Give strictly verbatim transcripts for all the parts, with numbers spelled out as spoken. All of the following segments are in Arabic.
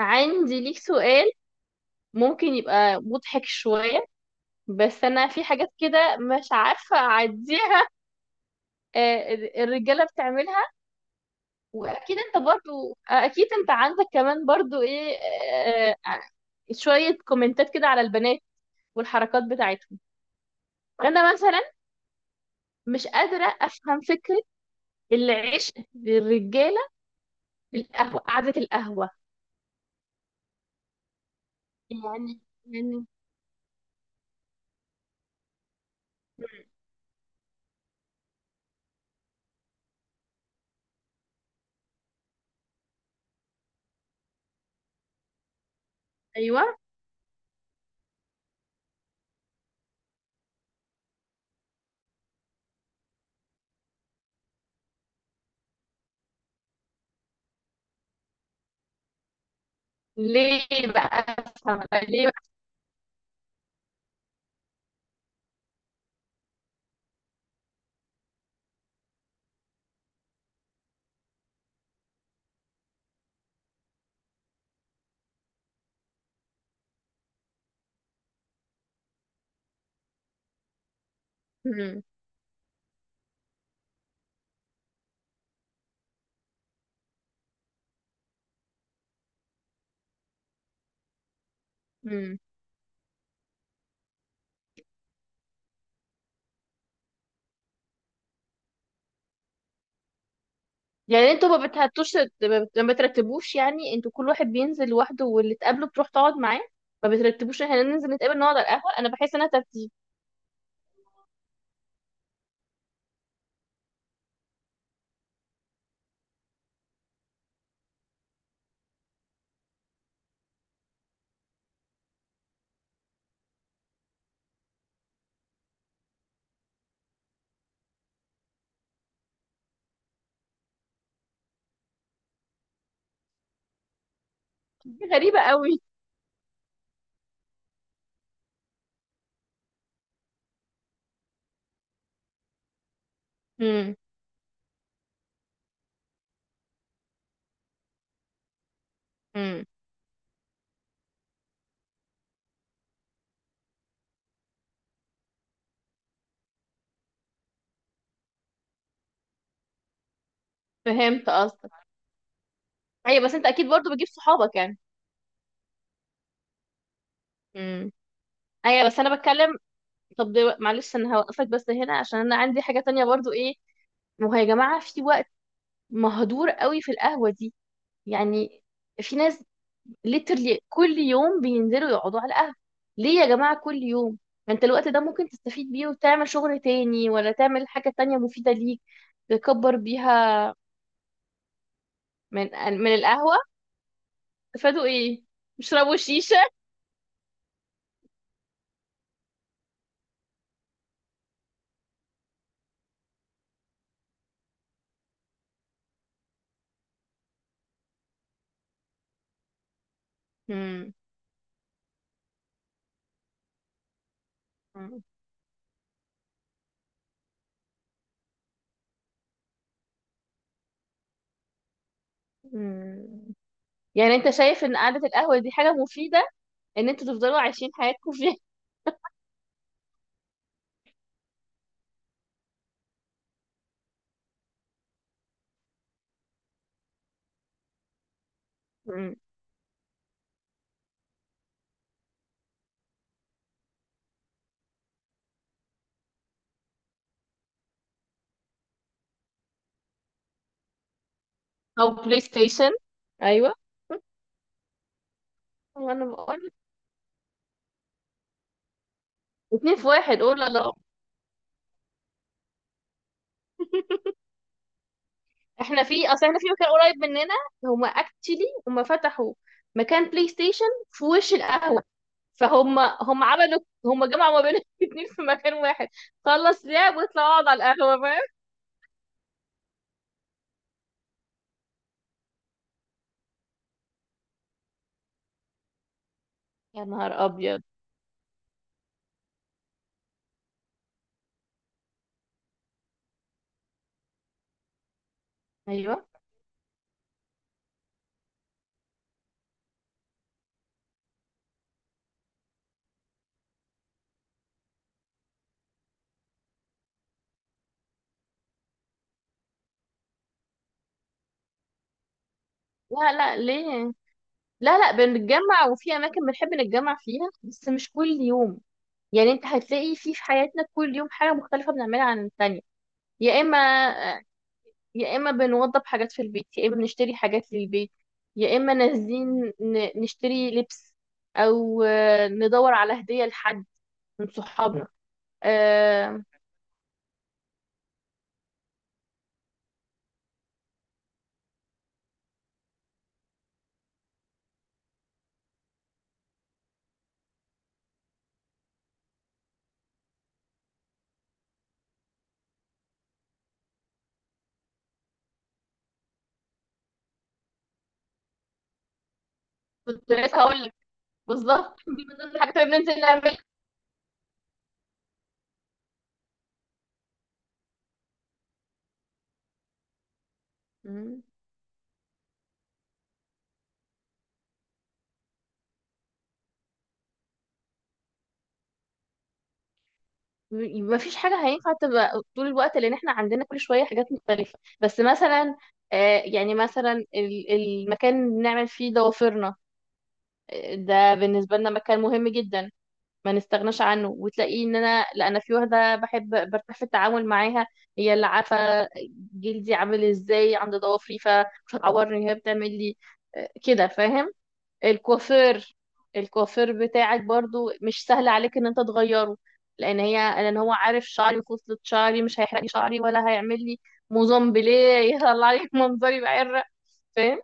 عندي ليك سؤال، ممكن يبقى مضحك شوية. بس أنا في حاجات كده مش عارفة أعديها. آه، الرجالة بتعملها، وأكيد أنت برضو آه، أكيد أنت عندك كمان برضو إيه آه، آه، شوية كومنتات كده على البنات والحركات بتاعتهم. أنا مثلا مش قادرة أفهم فكرة العشق للرجالة في القهوة، قعدة القهوة يعني يعني مم. أيوه. ليه بقى أفهم؟ ليه بقى؟ مم. مم. يعني انتوا ما بتهتوش؟ ما بت- ما بترتبوش؟ يعني انتوا كل واحد بينزل لوحده واللي تقابله بتروح تقعد معاه؟ ما بترتبوش احنا ننزل نتقابل نقعد على القهوة؟ انا بحس انها ترتيب. دي غريبة قوي. امم. امم. فهمت قصدك. ايوه، بس انت اكيد برضو بتجيب صحابك يعني. امم. ايوه، بس انا بتكلم. طب دلو- معلش انا هوقفك بس هنا عشان انا عندي حاجة تانية برضو ايه. ما هو يا جماعة في وقت مهدور قوي في القهوة دي. يعني في ناس literally كل يوم بينزلوا يقعدوا على القهوة. ليه يا جماعة كل يوم؟ ما انت الوقت ده ممكن تستفيد بيه وتعمل شغل تاني، ولا تعمل حاجة تانية مفيدة ليك، تكبر بيها. من، من القهوة استفادوا ايه؟ يشربوا شيشة؟ مم. مم. يعني انت شايف ان قعدة القهوة دي حاجة مفيدة ان انتوا تفضلوا عايشين حياتكم فيها؟ مم. او بلاي ستيشن. ايوه. هو انا بقول اتنين في واحد، قول لا لا. احنا في اصل احنا في مكان قريب مننا، هما اكتشلي هما فتحوا مكان بلاي ستيشن في وش القهوة. فهم هم عملوا، هم جمعوا ما بين الاتنين في مكان واحد. خلص لعب ويطلع اقعد على القهوة، فاهم. يا نهار ابيض. ايوه. لا لا ليه، لا لا بنتجمع وفي اماكن بنحب نتجمع فيها، بس مش كل يوم. يعني انت هتلاقي في في حياتنا كل يوم حاجة مختلفة بنعملها عن التانية. يا اما، يا اما بنوضب حاجات في البيت، يا اما بنشتري حاجات للبيت، يا اما نازلين ن- نشتري لبس، او آه، ندور على هدية لحد من صحابنا. آه، كنت لسه هقول لك بالظبط. دي من ضمن الحاجات اللي بننزل نعملها. مم. ما فيش حاجة هينفع تبقى طول الوقت، لأن احنا عندنا كل شوية حاجات مختلفة. بس مثلا آه، يعني مثلا ال- المكان اللي بنعمل فيه ضوافرنا، آه، ده بالنسبة لنا مكان مهم جدا، ما نستغناش عنه. وتلاقيه ان انا، لا انا في واحده بحب برتاح في التعامل معاها، هي اللي عارفه جلدي عامل ازاي عند ضوافري، فمش هتعورني، هي بتعمل لي آه، كده، فاهم. الكوافير، الكوافير بتاعك برضو مش سهل عليك ان انت تغيره، لان هي لان هو عارف شعري وفصلة شعري، مش هيحرق لي شعري ولا هيعمل لي موزون بليه يطلع لي منظري بعرق، فاهم.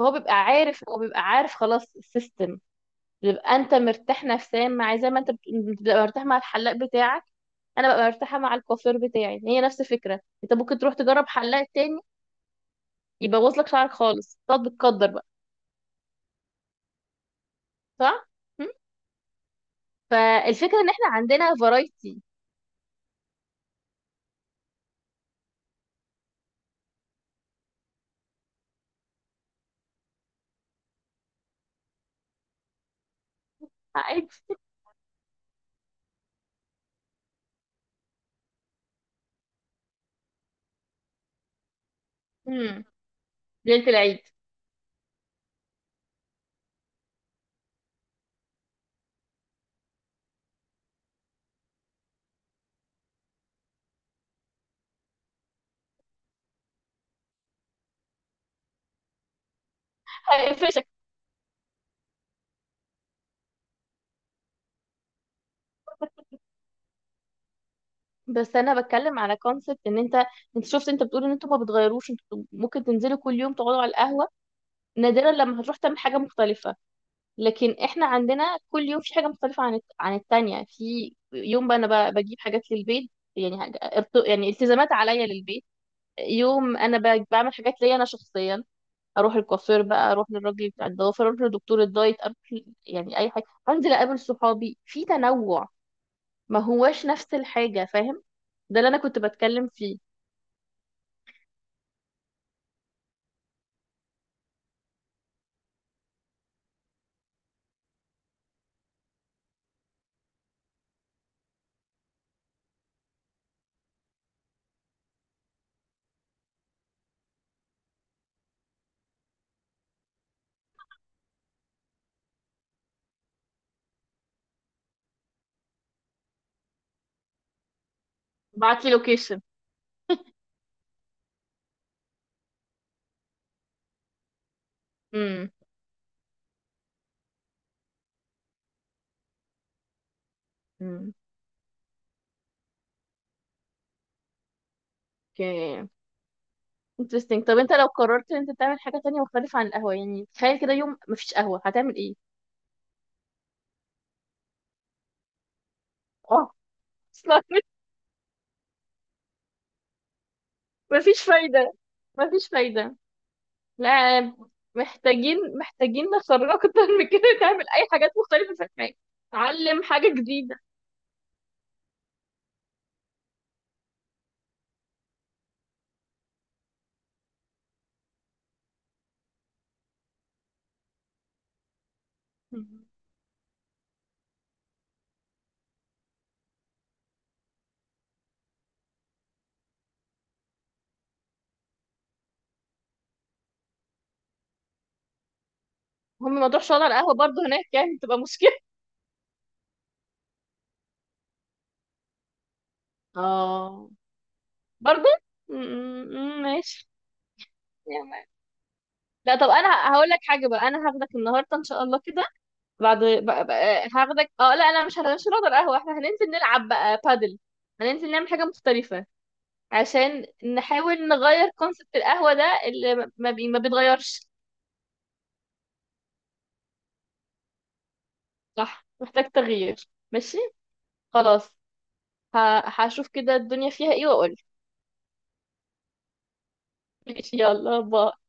هو بيبقى عارف هو بيبقى عارف خلاص السيستم، بيبقى انت مرتاح نفسيا، مع زي ما انت بت- بتبقى مرتاح مع الحلاق بتاعك، انا ببقى مرتاحه مع الكوافير بتاعي، هي نفس الفكره. انت ممكن تروح تجرب حلاق تاني يبوظ لك شعرك خالص، تقعد بتقدر بقى. صح. م؟ فالفكره ان احنا عندنا فرايتي. عادي. م. ليله العيد. هيقفشك. بس انا بتكلم على كونسبت ان انت، انت شفت انت بتقول ان انتوا ما بتغيروش، انتوا ممكن تنزلوا كل يوم تقعدوا على القهوه، نادرا لما هتروح تعمل حاجه مختلفه. لكن احنا عندنا كل يوم في حاجه مختلفه عن الت- عن التانية. في يوم بقى انا ب- بجيب حاجات للبيت، يعني حاجة ارت- يعني التزامات عليا للبيت. يوم انا ب- بعمل حاجات ليا انا شخصيا، اروح الكوافير بقى، اروح للراجل بتاع الضوافر، اروح لدكتور الدايت، اروح ل- يعني اي حاجه، انزل اقابل صحابي، في تنوع، ما هواش نفس الحاجه، فاهم. ده اللي انا كنت بتكلم فيه. بعتلي لوكيشن. امم. امم. اوكي. interesting. طب انت لو قررت ان انت تعمل حاجه تانية مختلفه عن القهوه، يعني تخيل كده يوم مفيش قهوه، هتعمل ايه؟ اه. اصلا مش- مفيش فايدة، مفيش فايدة. لا، محتاجين محتاجين نخرج اكتر من كده، نعمل اي حاجات مختلفة في الحياة، نتعلم حاجة جديدة. هم موضوع شعر القهوة برضه هناك يعني، تبقى مشكلة. اه برضه. م- م- ماشي يعني. لا طب انا هقول لك حاجة بقى، انا هاخدك النهاردة ان شاء الله كده، بعد بقى بقى هاخدك، اه لا لا مش هنشرب القهوة، احنا هننزل نلعب بقى بادل، هننزل نعمل حاجة مختلفة، عشان نحاول نغير كونسبت القهوة ده اللي ما ما بي ما بيتغيرش. صح محتاج تغيير. ماشي. خلاص. ه- هشوف كده الدنيا فيها ايه، واقول. ماشي، يلا باي.